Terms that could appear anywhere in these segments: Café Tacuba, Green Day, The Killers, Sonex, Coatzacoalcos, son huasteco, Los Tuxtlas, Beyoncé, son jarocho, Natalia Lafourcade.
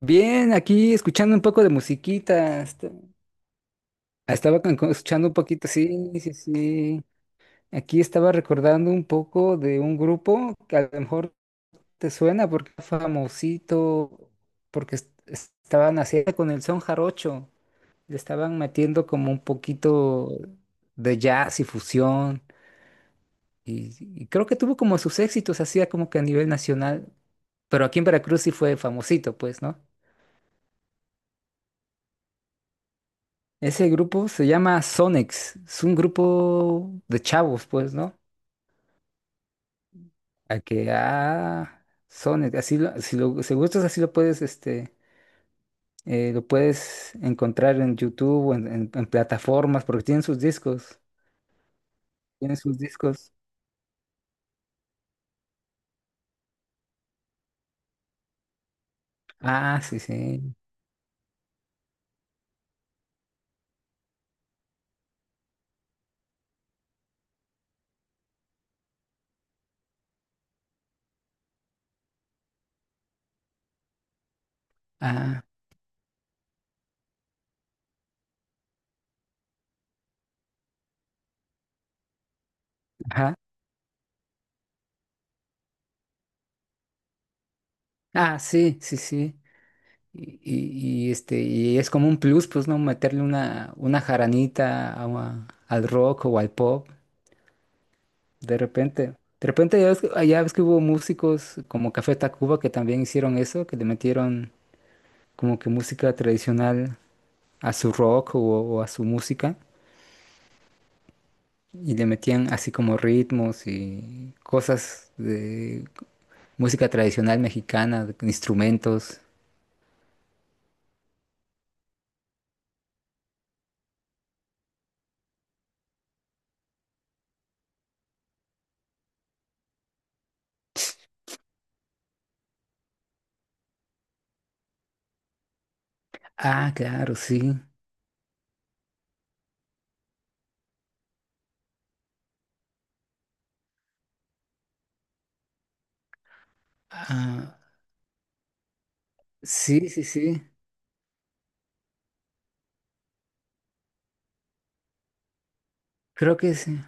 Bien, aquí escuchando un poco de musiquita. Estaba escuchando un poquito, sí, sí, sí. Aquí estaba recordando un poco de un grupo que a lo mejor te suena porque es famosito, porque es- estaban haciendo con el son jarocho. Le estaban metiendo como un poquito de jazz y fusión. Y, y creo que tuvo como sus éxitos, hacía como que a nivel nacional. Pero aquí en Veracruz sí fue famosito, pues, ¿no? Ese grupo se llama Sonex. Es un grupo de chavos, pues, ¿no? A que, ah, Sonex, así lo, si gustas, así lo puedes, este, lo puedes encontrar en YouTube o en plataformas, porque tienen sus discos. Tienen sus discos. Ah, sí, sí. Ah, ajá. Ah, sí, sí, sí. Y, este, y es como un plus, pues, ¿no? Meterle una jaranita al rock o al pop. De repente, de repente ya ves, ya ves que hubo músicos como Café Tacuba que también hicieron eso, que le metieron como que música tradicional a su rock o a su música y le metían así como ritmos y cosas de música tradicional mexicana, instrumentos. Ah, claro, sí. Ah, sí, sí, sí. Creo que sí.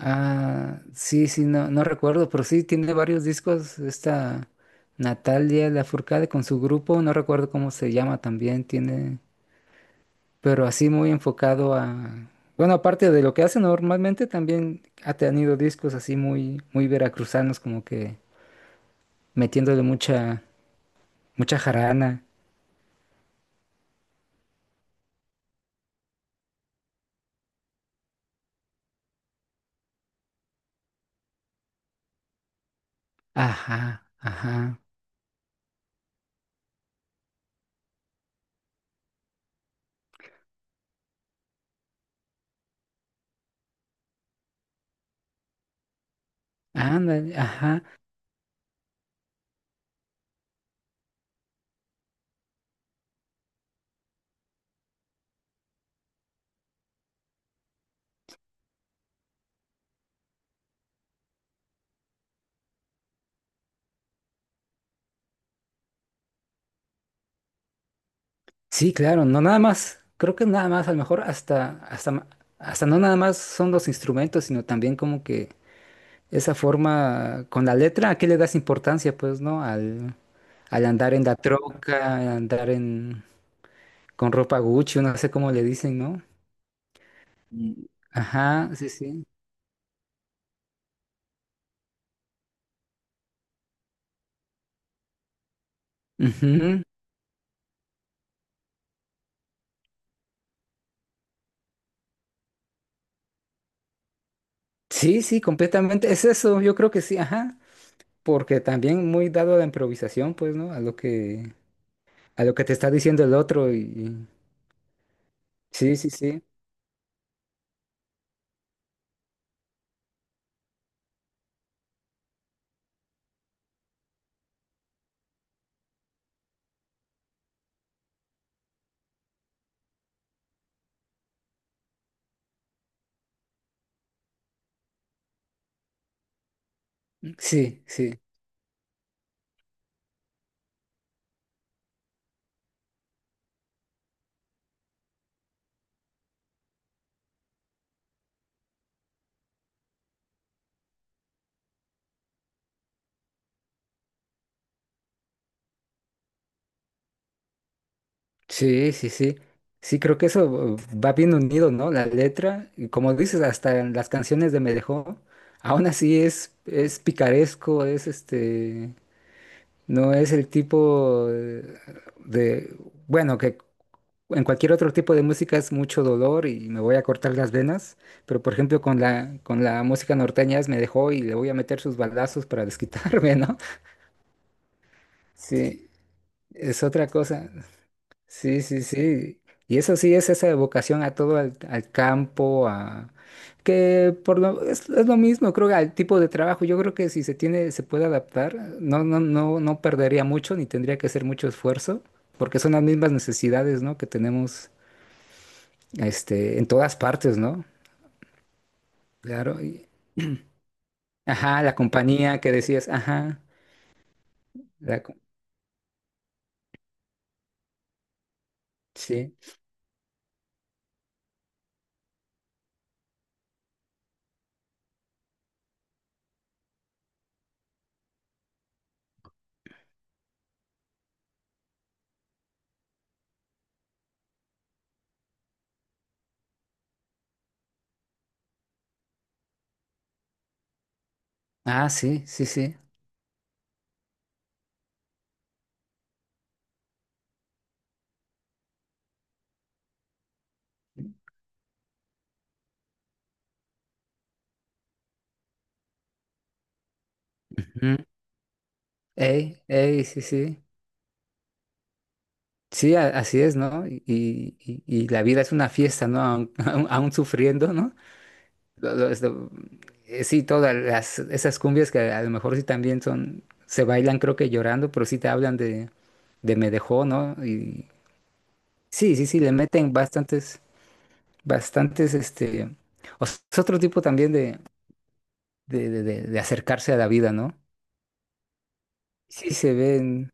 Ah, sí, sí, no, no recuerdo, pero sí tiene varios discos. Esta Natalia Lafourcade con su grupo, no recuerdo cómo se llama también, tiene, pero así muy enfocado a, bueno, aparte de lo que hace normalmente, también ha tenido discos así muy, muy veracruzanos, como que metiéndole mucha, mucha jarana. Ajá, ajá, ándale, ajá. Sí, claro, no nada más, creo que nada más, a lo mejor hasta, hasta no nada más son los instrumentos, sino también como que esa forma con la letra, ¿a qué le das importancia, pues, no? Al, al andar en la troca, al andar en, con ropa Gucci, no sé cómo le dicen, ¿no? Y ajá, sí, sí. Ujú. Sí, sí, completamente. Es eso, yo creo que sí, ajá. Porque también muy dado a la improvisación, pues, ¿no? A lo que te está diciendo el otro sí, sí, sí. Sí, sí. Sí, sí, sí. Sí, creo que eso va bien unido, ¿no? La letra, y como dices, hasta en las canciones de Me dejó, aún así es picaresco, es este, no es el tipo de, bueno, que en cualquier otro tipo de música es mucho dolor y me voy a cortar las venas, pero por ejemplo con la música norteña es Me dejó y le voy a meter sus balazos para desquitarme, ¿no? Sí, es otra cosa. Sí, sí, sí. Y eso sí es esa evocación a todo al, al campo, a que por lo, es lo mismo, creo que al tipo de trabajo. Yo creo que si se tiene, se puede adaptar, no, no, no, no perdería mucho, ni tendría que hacer mucho esfuerzo, porque son las mismas necesidades, ¿no? Que tenemos este, en todas partes, ¿no? Claro. Ajá, la compañía que decías, ajá, la, co- sí. Ah, sí, sí, sí. Ujú. Ey, ey, sí, sí. Sí, así es, ¿no? Y, y la vida es una fiesta, ¿no? Aún, aún sufriendo, ¿no? Lo- lo- esto- sí, todas las, esas cumbias que a lo mejor sí también son, se bailan creo que llorando, pero sí te hablan de me dejó, ¿no? Y sí, sí, sí, le meten bastantes, bastantes, este, es otro tipo también de, de acercarse a la vida, ¿no? Sí, se ven,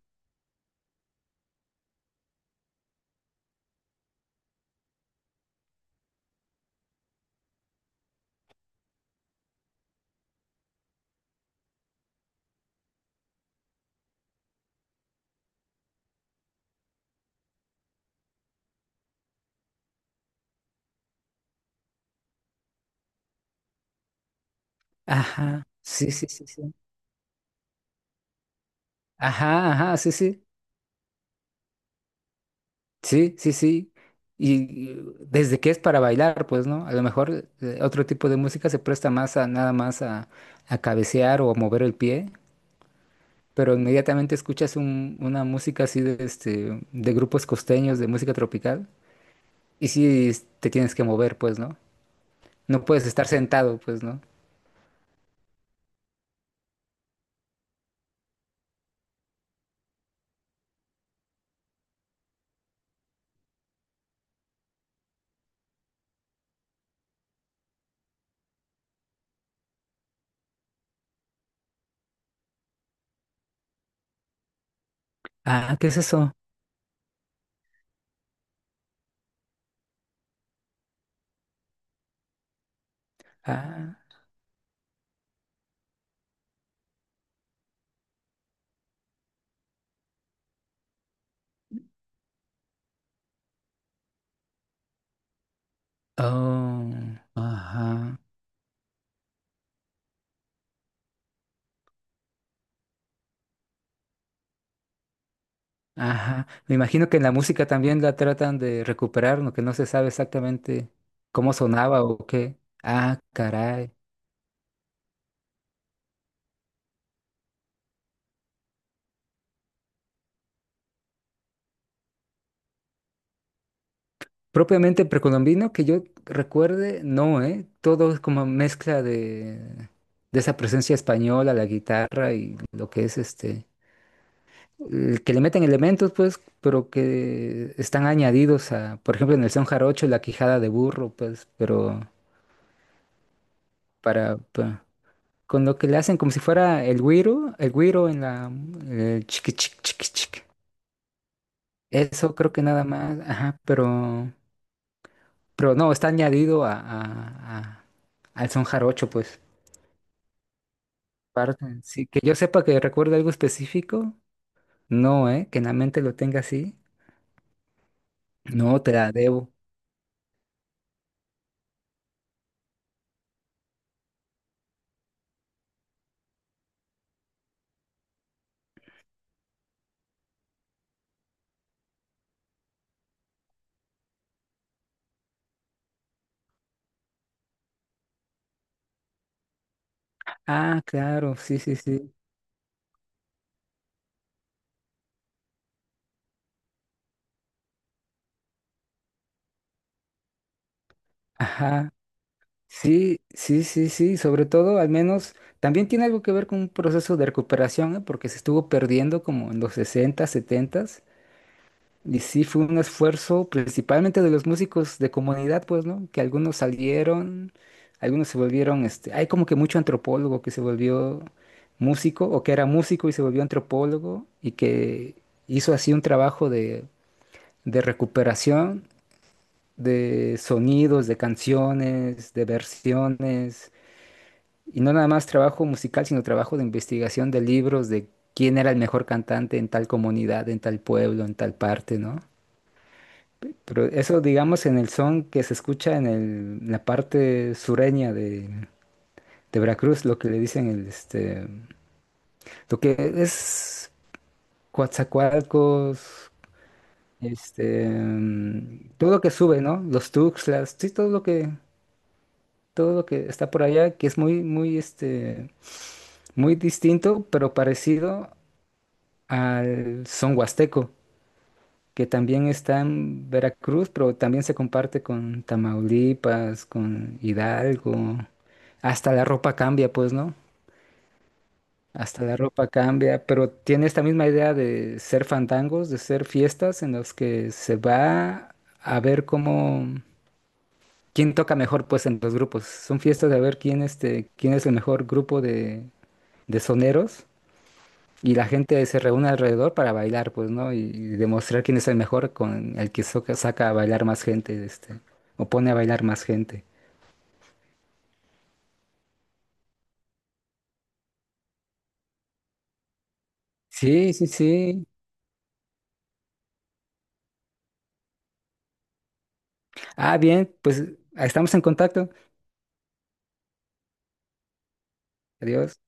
ajá, sí, sí, sí, sí. Ajá, ajá, sí, sí. Sí, sí, sí. Y desde que es para bailar, pues, ¿no? A lo mejor otro tipo de música se presta más a nada más a cabecear o a mover el pie, pero inmediatamente escuchas una música así de, este, de grupos costeños, de música tropical, y sí te tienes que mover, pues, ¿no? No puedes estar sentado, pues, ¿no? Ah, ¿qué es eso? Ah, oh, ajá. Ajá. Me imagino que en la música también la tratan de recuperar, ¿no? Que no se sabe exactamente cómo sonaba o qué. Ah, caray. Propiamente precolombino, que yo recuerde, no, ¿eh? Todo es como mezcla de esa presencia española, la guitarra y lo que es este. El que le meten elementos, pues, pero que están añadidos a, por ejemplo, en el son jarocho, la quijada de burro, pues, pero para, con lo que le hacen como si fuera el güiro en la el chiqui chiqui chiqui chiqui. Eso creo que nada más, ajá, pero no, está añadido a, al son jarocho, pues. Parte, sí, que yo sepa que recuerde algo específico, no, que en la mente lo tenga así, no te la debo. Ah, claro, sí, sí, sí. Ajá. Sí, sí, sí, sí, sobre todo al menos también tiene algo que ver con un proceso de recuperación, ¿eh? Porque se estuvo perdiendo como en los 60, 70. Y sí, fue un esfuerzo principalmente de los músicos de comunidad, pues, ¿no? Que algunos salieron, algunos se volvieron, este, hay como que mucho antropólogo que se volvió músico o que era músico y se volvió antropólogo y que hizo así un trabajo de recuperación de sonidos, de canciones, de versiones, y no nada más trabajo musical, sino trabajo de investigación de libros, de quién era el mejor cantante en tal comunidad, en tal pueblo, en tal parte, ¿no? Pero eso, digamos, en el son que se escucha en en la parte sureña de Veracruz, lo que le dicen el, este, lo que es Coatzacoalcos, este, mm, todo lo que sube, ¿no? Los Tuxtlas, sí, todo lo que está por allá, que es muy, muy, este, muy distinto, pero parecido al son huasteco, que también está en Veracruz, pero también se comparte con Tamaulipas, con Hidalgo. Hasta la ropa cambia, pues, ¿no? Hasta la ropa cambia, pero tiene esta misma idea de ser fandangos, de ser fiestas en las que se va a ver cómo, quién toca mejor, pues, en los grupos. Son fiestas de ver quién, este, quién es el mejor grupo de soneros, y la gente se reúne alrededor para bailar, pues, ¿no? Y demostrar quién es el mejor con el que saca a bailar más gente, este, o pone a bailar más gente. Sí, sí, sí. Ah, bien, pues estamos en contacto. Adiós.